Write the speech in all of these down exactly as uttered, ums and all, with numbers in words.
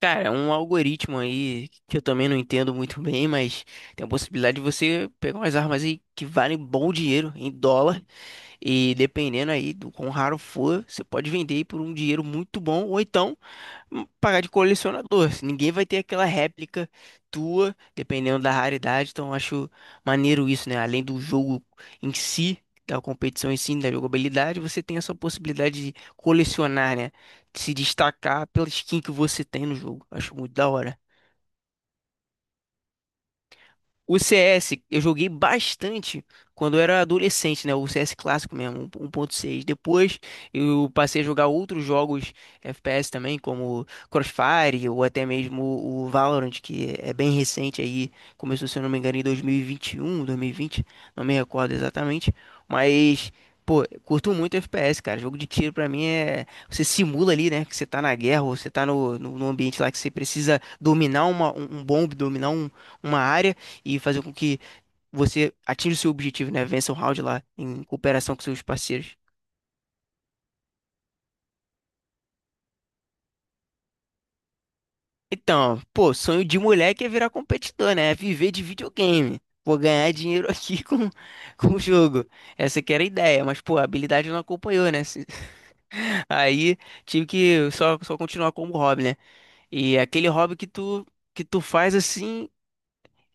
Cara, é um algoritmo aí que eu também não entendo muito bem, mas tem a possibilidade de você pegar umas armas aí que valem bom dinheiro em dólar e dependendo aí do quão raro for, você pode vender aí por um dinheiro muito bom ou então pagar de colecionador. Assim, ninguém vai ter aquela réplica tua, dependendo da raridade. Então, eu acho maneiro isso, né? Além do jogo em si, da competição em si, né, da jogabilidade, você tem essa possibilidade de colecionar, né? De se destacar pela skin que você tem no jogo. Acho muito da hora. O C S eu joguei bastante quando eu era adolescente, né? O C S clássico mesmo, um um ponto seis. Depois eu passei a jogar outros jogos F P S também, como Crossfire ou até mesmo o o Valorant, que é bem recente aí. Começou, se eu não me engano, em dois mil e vinte e um, dois mil e vinte, não me recordo exatamente. Mas, pô, curto muito F P S, cara. Jogo de tiro pra mim é. Você simula ali, né? Que você tá na guerra ou você tá no, no, no ambiente lá que você precisa dominar uma, um, um bombe, dominar um, uma área e fazer com que você atinja o seu objetivo, né? Vença o round lá em cooperação com seus parceiros. Então, pô, sonho de moleque é virar competidor, né? É viver de videogame. Vou ganhar dinheiro aqui com, com o jogo. Essa que era a ideia, mas, pô, a habilidade não acompanhou, né? Se- Aí tive que só, só continuar como hobby, né? E é aquele hobby que tu, que tu faz assim.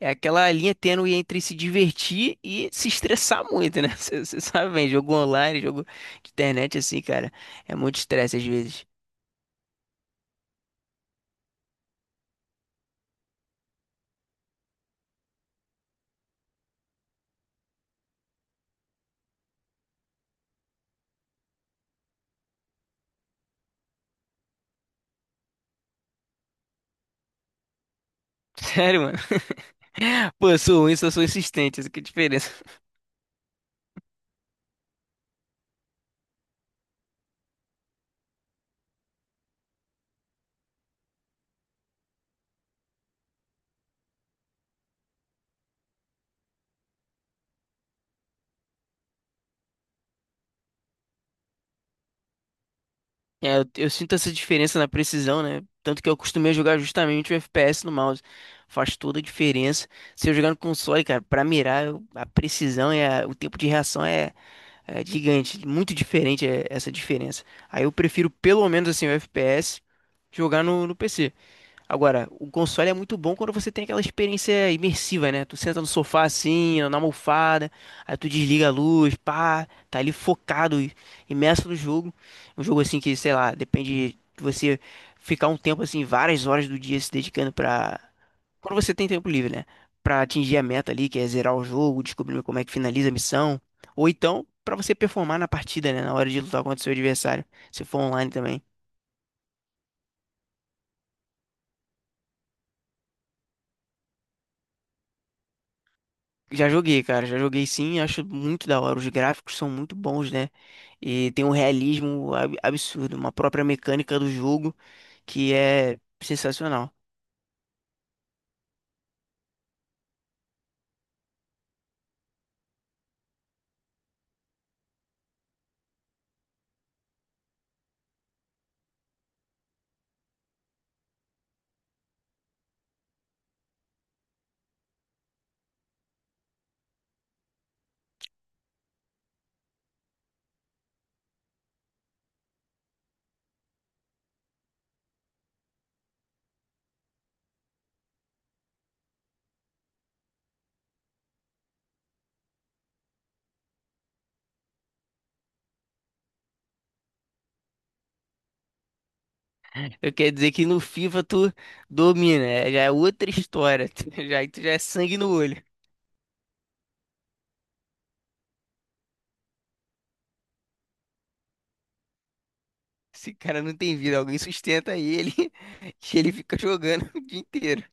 É aquela linha tênue entre se divertir e se estressar muito, né? Você você sabe bem, jogo online, jogo de internet assim, cara. É muito estresse às vezes. Sério, mano. Pô, eu sou ruim, só sou insistente. Essa que é a diferença. É, eu, eu sinto essa diferença na precisão, né? Tanto que eu acostumei a jogar justamente o F P S no mouse. Faz toda a diferença. Se eu jogar no console, cara, pra mirar, eu- a precisão e a- o tempo de reação é é gigante, muito diferente é, essa diferença. Aí eu prefiro pelo menos assim o F P S jogar no, no P C. Agora, o console é muito bom quando você tem aquela experiência imersiva, né? Tu senta no sofá assim, na almofada, aí tu desliga a luz, pá, tá ali focado, imerso no jogo. Um jogo assim que, sei lá, depende de você ficar um tempo assim, várias horas do dia se dedicando pra. Quando você tem tempo livre, né? Pra atingir a meta ali, que é zerar o jogo, descobrir como é que finaliza a missão. Ou então, pra você performar na partida, né? Na hora de lutar contra o seu adversário, se for online também. Já joguei, cara, já joguei sim, acho muito da hora. Os gráficos são muito bons, né? E tem um realismo ab- absurdo, uma própria mecânica do jogo que é sensacional. Eu quero dizer que no FIFA tu domina, é- já é outra história, tu- já, tu já é sangue no olho. Esse cara não tem vida, alguém sustenta ele que ele fica jogando o dia inteiro.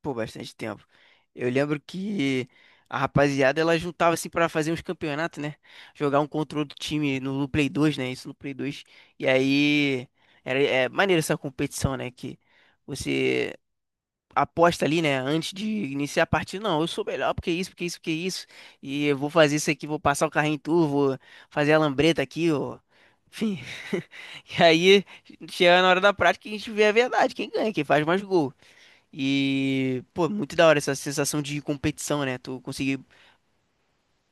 Pô, bastante tempo. Eu lembro que a rapaziada ela juntava assim pra fazer uns campeonatos, né? Jogar um contra outro time no, no Play dois, né? Isso no Play dois. E aí era é, maneiro essa competição, né? Que você aposta ali, né? Antes de iniciar a partida, não, eu sou melhor porque isso, porque isso, porque isso. E eu vou fazer isso aqui, vou passar o carrinho em tu, vou fazer a lambreta aqui, ó. Enfim. E aí chega na hora da prática e a gente vê a verdade, quem ganha, quem faz mais gol. E, pô, muito da hora essa sensação de competição, né? Tu conseguir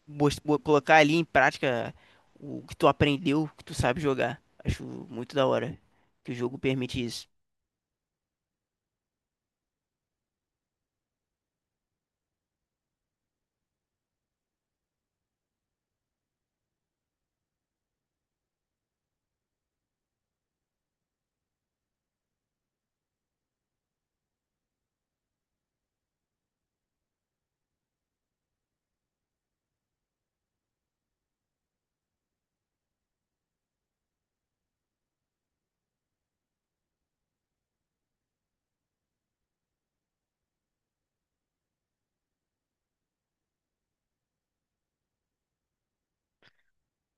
mos- bo- colocar ali em prática o que tu aprendeu, o que tu sabe jogar. Acho muito da hora que o jogo permite isso.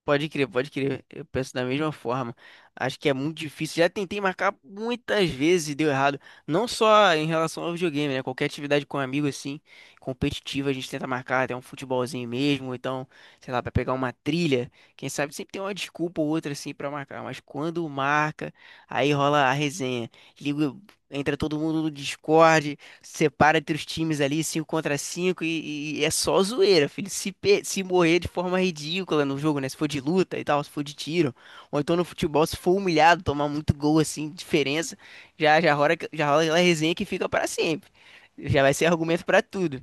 Pode crer, pode crer. Eu penso da mesma forma. Acho que é muito difícil. Já tentei marcar muitas vezes e deu errado. Não só em relação ao videogame, né? Qualquer atividade com um amigo assim, competitiva, a gente tenta marcar até um futebolzinho mesmo, ou então, sei lá, pra pegar uma trilha. Quem sabe sempre tem uma desculpa ou outra assim pra marcar, mas quando marca, aí rola a resenha. Liga, entra todo mundo no Discord, separa entre os times ali, cinco contra cinco e, e é só zoeira, filho. Se, pe- se morrer de forma ridícula no jogo, né? Se for de luta e tal, se for de tiro, ou então no futebol, se for humilhado, tomar muito gol assim, diferença, já, já rola, já rola aquela resenha que fica para sempre. Já vai ser argumento para tudo.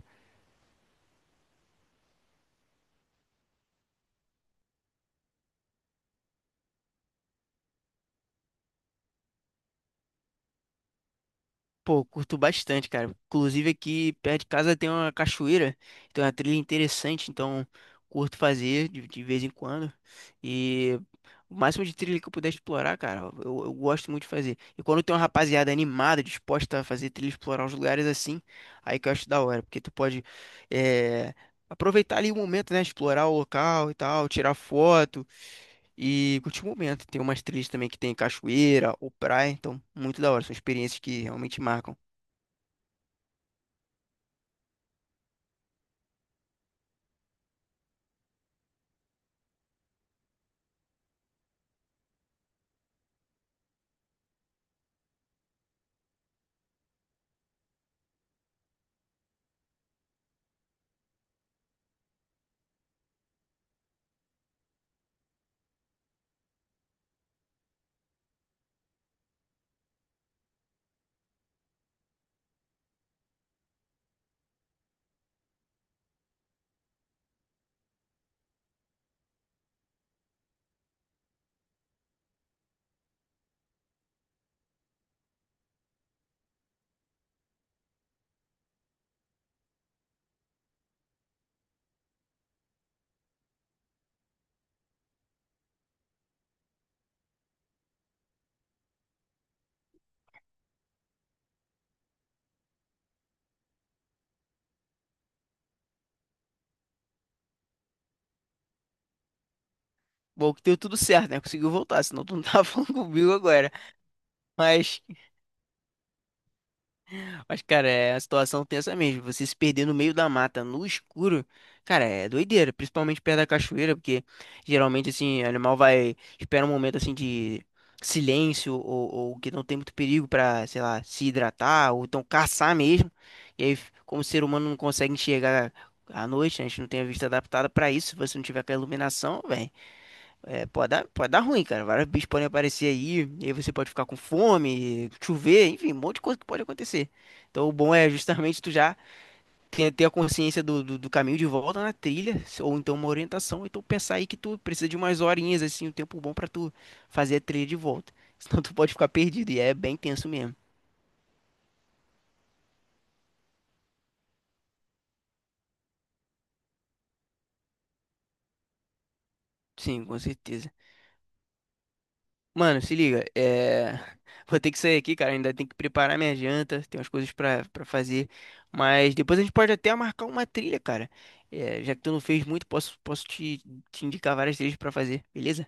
Pô, curto bastante, cara. Inclusive aqui perto de casa tem uma cachoeira, tem uma trilha interessante, então curto fazer de, de vez em quando. E o máximo de trilha que eu puder explorar, cara, eu, eu gosto muito de fazer. E quando tem uma rapaziada animada, disposta a fazer trilha, explorar os lugares assim, aí que eu acho da hora, porque tu pode eh, aproveitar ali o momento, né? Explorar o local e tal, tirar foto e curtir o momento. Tem umas trilhas também que tem cachoeira ou praia, então muito da hora. São experiências que realmente marcam. Bom, que deu tudo certo, né? Conseguiu voltar, senão tu não tava falando comigo agora. Mas. Mas, cara, é a situação tensa mesmo. Você se perder no meio da mata, no escuro, cara, é doideira. Principalmente perto da cachoeira, porque geralmente, assim, o animal vai. Espera um momento, assim, de silêncio ou, ou que não tem muito perigo pra, sei lá, se hidratar ou então caçar mesmo. E aí, como o ser humano não consegue enxergar à noite, né, a gente não tem a vista adaptada pra isso. Se você não tiver aquela iluminação, velho. É, pode dar, pode dar ruim, cara. Vários bichos podem aparecer aí, e aí você pode ficar com fome, chover, enfim, um monte de coisa que pode acontecer. Então o bom é justamente tu já ter, ter a consciência do, do, do caminho de volta na trilha, ou então uma orientação, então pensar aí que tu precisa de umas horinhas, assim, um tempo bom pra tu fazer a trilha de volta. Senão tu pode ficar perdido, e é bem tenso mesmo. Sim, com certeza. Mano, se liga, é... vou ter que sair aqui, cara. Ainda tem que preparar minha janta, tem umas coisas pra, pra fazer. Mas depois a gente pode até marcar uma trilha, cara. É, já que tu não fez muito, posso, posso te, te indicar várias trilhas pra fazer, beleza?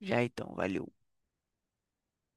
Já então, valeu.